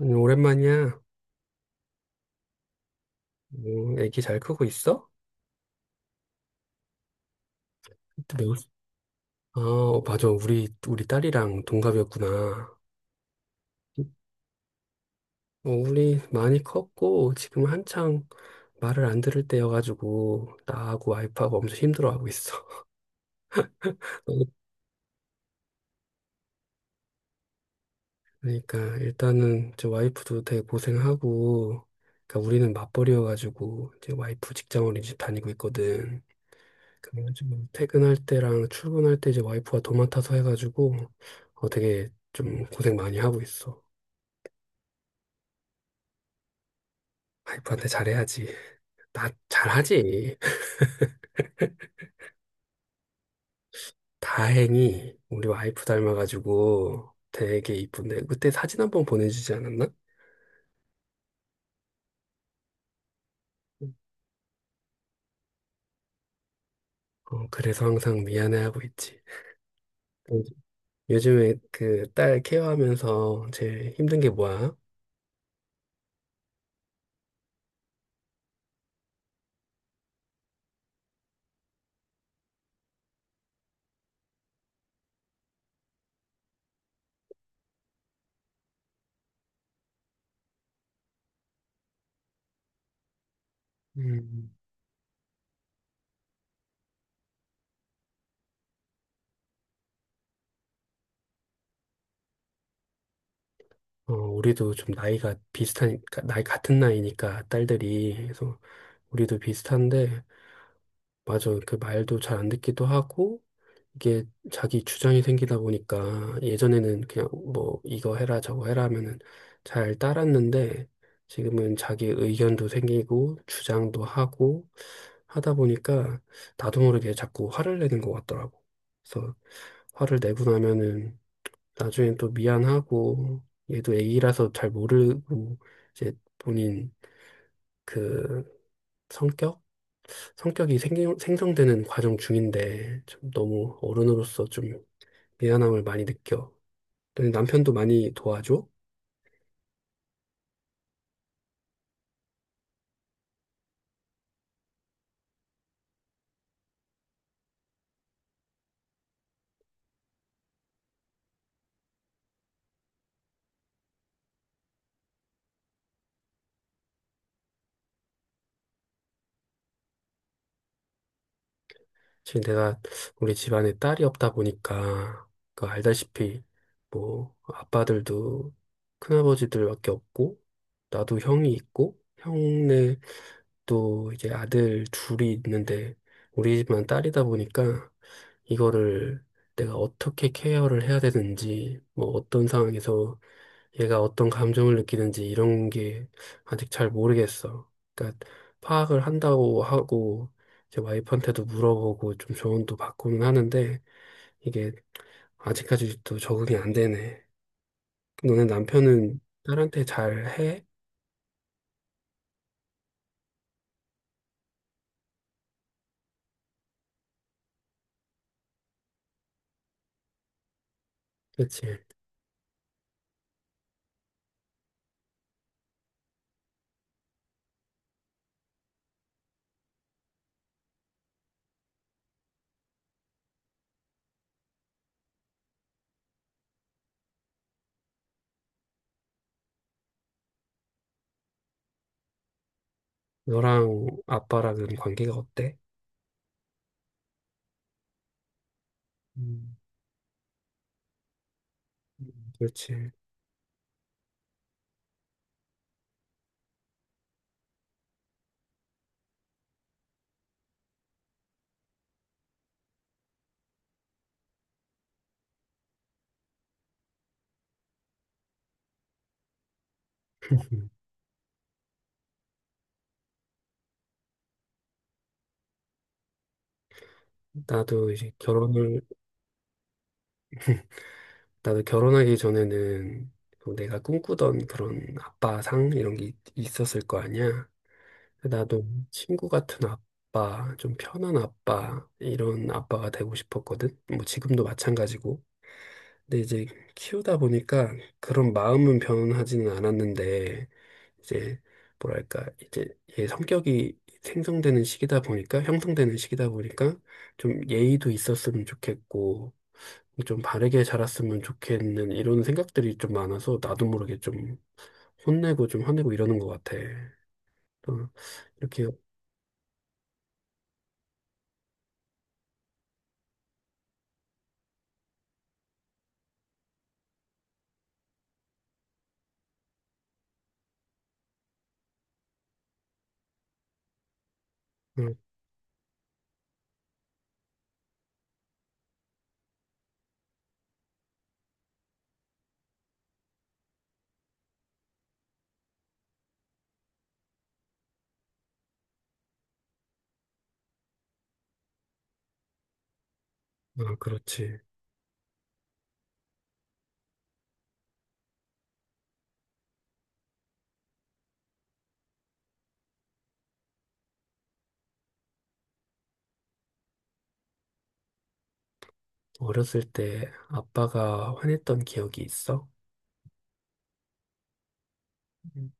아니, 오랜만이야. 뭐, 애기 잘 크고 있어? 또 매우 맞아. 우리 딸이랑 동갑이었구나. 어, 우리 많이 컸고, 지금 한창 말을 안 들을 때여가지고, 나하고 와이프하고 엄청 힘들어하고 있어. 어, 그러니까, 일단은, 저 와이프도 되게 고생하고, 그러니까 우리는 맞벌이여가지고, 이제 와이프 직장린이집 다니고 있거든. 그래서 지 퇴근할 때랑 출근할 때 이제 와이프가 도맡아서 해가지고 되게 좀 고생 많이 하고 있어. 와이프한테 잘해야지. 나 잘하지. 다행히 우리 와이프 닮아가지고 되게 이쁜데 그때 사진 한 번 보내주지 않았나? 어, 그래서 항상 미안해하고 있지. 음, 요즘에 그 딸 케어하면서 제일 힘든 게 뭐야? 음, 어, 우리도 좀 나이가 비슷하니까, 나이 같은 나이니까 딸들이. 그래서 우리도 비슷한데, 맞아. 그 말도 잘 안 듣기도 하고, 이게 자기 주장이 생기다 보니까 예전에는 그냥 뭐 이거 해라 저거 해라 하면은 잘 따랐는데 지금은 자기 의견도 생기고 주장도 하고 하다 보니까 나도 모르게 자꾸 화를 내는 것 같더라고. 그래서 화를 내고 나면은 나중엔 또 미안하고 얘도 애기라서 잘 모르고 이제 본인 그 성격? 성격이 생성되는 과정 중인데 참 너무 어른으로서 좀 미안함을 많이 느껴. 또 남편도 많이 도와줘. 지금 내가 우리 집안에 딸이 없다 보니까 그 알다시피 뭐 아빠들도 큰아버지들밖에 없고 나도 형이 있고 형네 또 이제 아들 둘이 있는데 우리 집만 딸이다 보니까 이거를 내가 어떻게 케어를 해야 되는지 뭐 어떤 상황에서 얘가 어떤 감정을 느끼는지 이런 게 아직 잘 모르겠어. 그러니까 파악을 한다고 하고 제 와이프한테도 물어보고 좀 조언도 받고는 하는데 이게 아직까지도 적응이 안 되네. 너네 남편은 딸한테 잘 해? 그렇지. 너랑 아빠랑은 관계가 어때? 음, 그렇지. 음. 나도 이제 결혼을, 나도 결혼하기 전에는 뭐 내가 꿈꾸던 그런 아빠상 이런 게 있었을 거 아니야. 그 나도 친구 같은 아빠, 좀 편한 아빠, 이런 아빠가 되고 싶었거든. 뭐 지금도 마찬가지고. 근데 이제 키우다 보니까 그런 마음은 변하지는 않았는데, 이제 뭐랄까, 이제 얘 성격이 생성되는 시기다 보니까, 형성되는 시기다 보니까, 좀 예의도 있었으면 좋겠고, 좀 바르게 자랐으면 좋겠는 이런 생각들이 좀 많아서 나도 모르게 좀 혼내고 좀 화내고 이러는 것 같아. 또 이렇게 어, 아, 그렇지. 어렸을 때 아빠가 화냈던 기억이 있어? 음.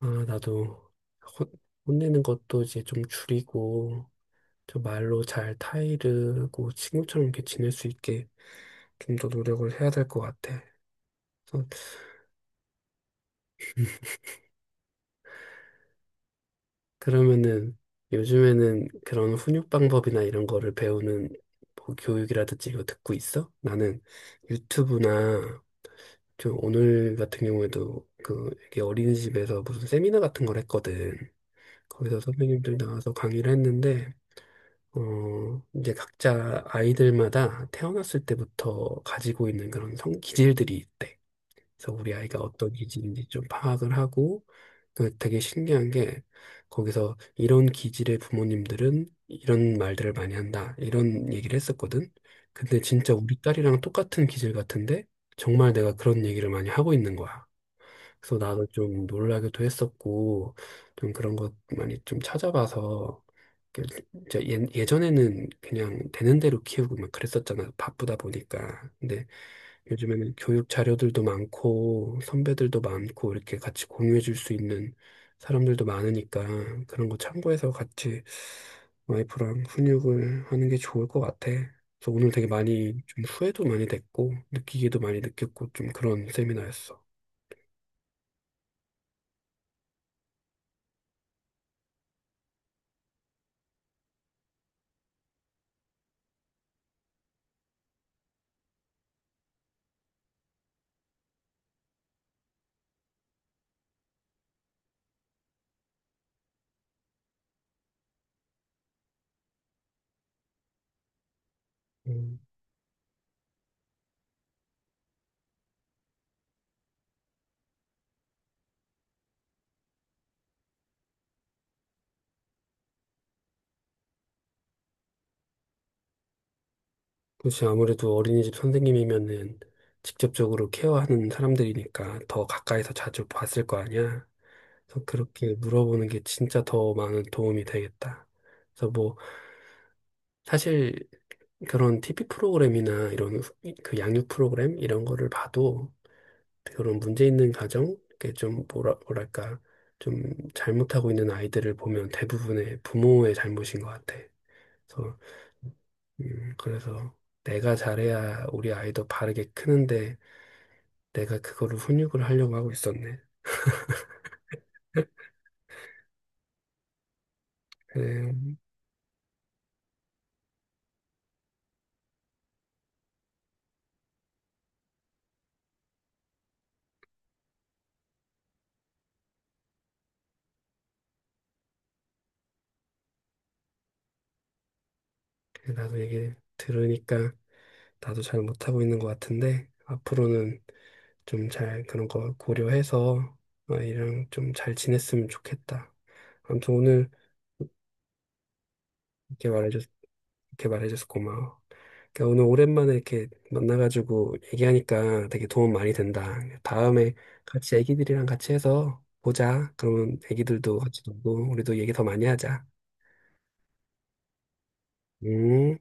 아, 나도 혼, 혼내는 것도 이제 좀 줄이고, 저 말로 잘 타이르고 친구처럼 이렇게 지낼 수 있게 좀 더 노력을 해야 될 것 같아. 그래서 그러면은 요즘에는 그런 훈육 방법이나 이런 거를 배우는 뭐 교육이라든지 이거 듣고 있어? 나는 유튜브나 좀 오늘 같은 경우에도 그 이게 어린이집에서 무슨 세미나 같은 걸 했거든. 거기서 선배님들 나와서 강의를 했는데, 어, 이제 각자 아이들마다 태어났을 때부터 가지고 있는 그런 성 기질들이 있대. 그래서 우리 아이가 어떤 기질인지 좀 파악을 하고, 그 되게 신기한 게, 거기서 이런 기질의 부모님들은 이런 말들을 많이 한다. 이런 얘기를 했었거든. 근데 진짜 우리 딸이랑 똑같은 기질 같은데, 정말 내가 그런 얘기를 많이 하고 있는 거야. 그래서 나도 좀 놀라기도 했었고, 좀 그런 것 많이 좀 찾아봐서 그 저 예전에는 그냥 되는 대로 키우고 막 그랬었잖아. 바쁘다 보니까. 근데 요즘에는 교육 자료들도 많고 선배들도 많고 이렇게 같이 공유해 줄 수 있는 사람들도 많으니까 그런 거 참고해서 같이 와이프랑 훈육을 하는 게 좋을 것 같아. 그래서 오늘 되게 많이 좀 후회도 많이 됐고 느끼기도 많이 느꼈고 좀 그런 세미나였어. 음. 그렇지. 아무래도 어린이집 선생님이면은 직접적으로 케어하는 사람들이니까 더 가까이서 자주 봤을 거 아니야. 그래서 그렇게 물어보는 게 진짜 더 많은 도움이 되겠다. 그래서 뭐 사실 그런 TV 프로그램이나 이런 그 양육 프로그램 이런 거를 봐도 그런 문제 있는 가정, 이렇게 좀 뭐라 뭐랄까 좀 잘못하고 있는 아이들을 보면 대부분의 부모의 잘못인 것 같아. 그래서 그래서 내가 잘해야 우리 아이도 바르게 크는데 내가 그거를 훈육을 하려고 하고 있었네. 그래, 그래, 나도 얘기 들으니까 나도 잘 못하고 있는 것 같은데 앞으로는 좀 잘 그런 거 고려해서 아이랑 좀 잘 지냈으면 좋겠다. 아무튼 오늘 이렇게 말해줘서 개발해줘서 고마워. 그러니까 오늘 오랜만에 이렇게 만나가지고 얘기하니까 되게 도움 많이 된다. 다음에 같이 애기들이랑 같이 해서 보자. 그러면 애기들도 같이 놀고 우리도 얘기 더 많이 하자. 음.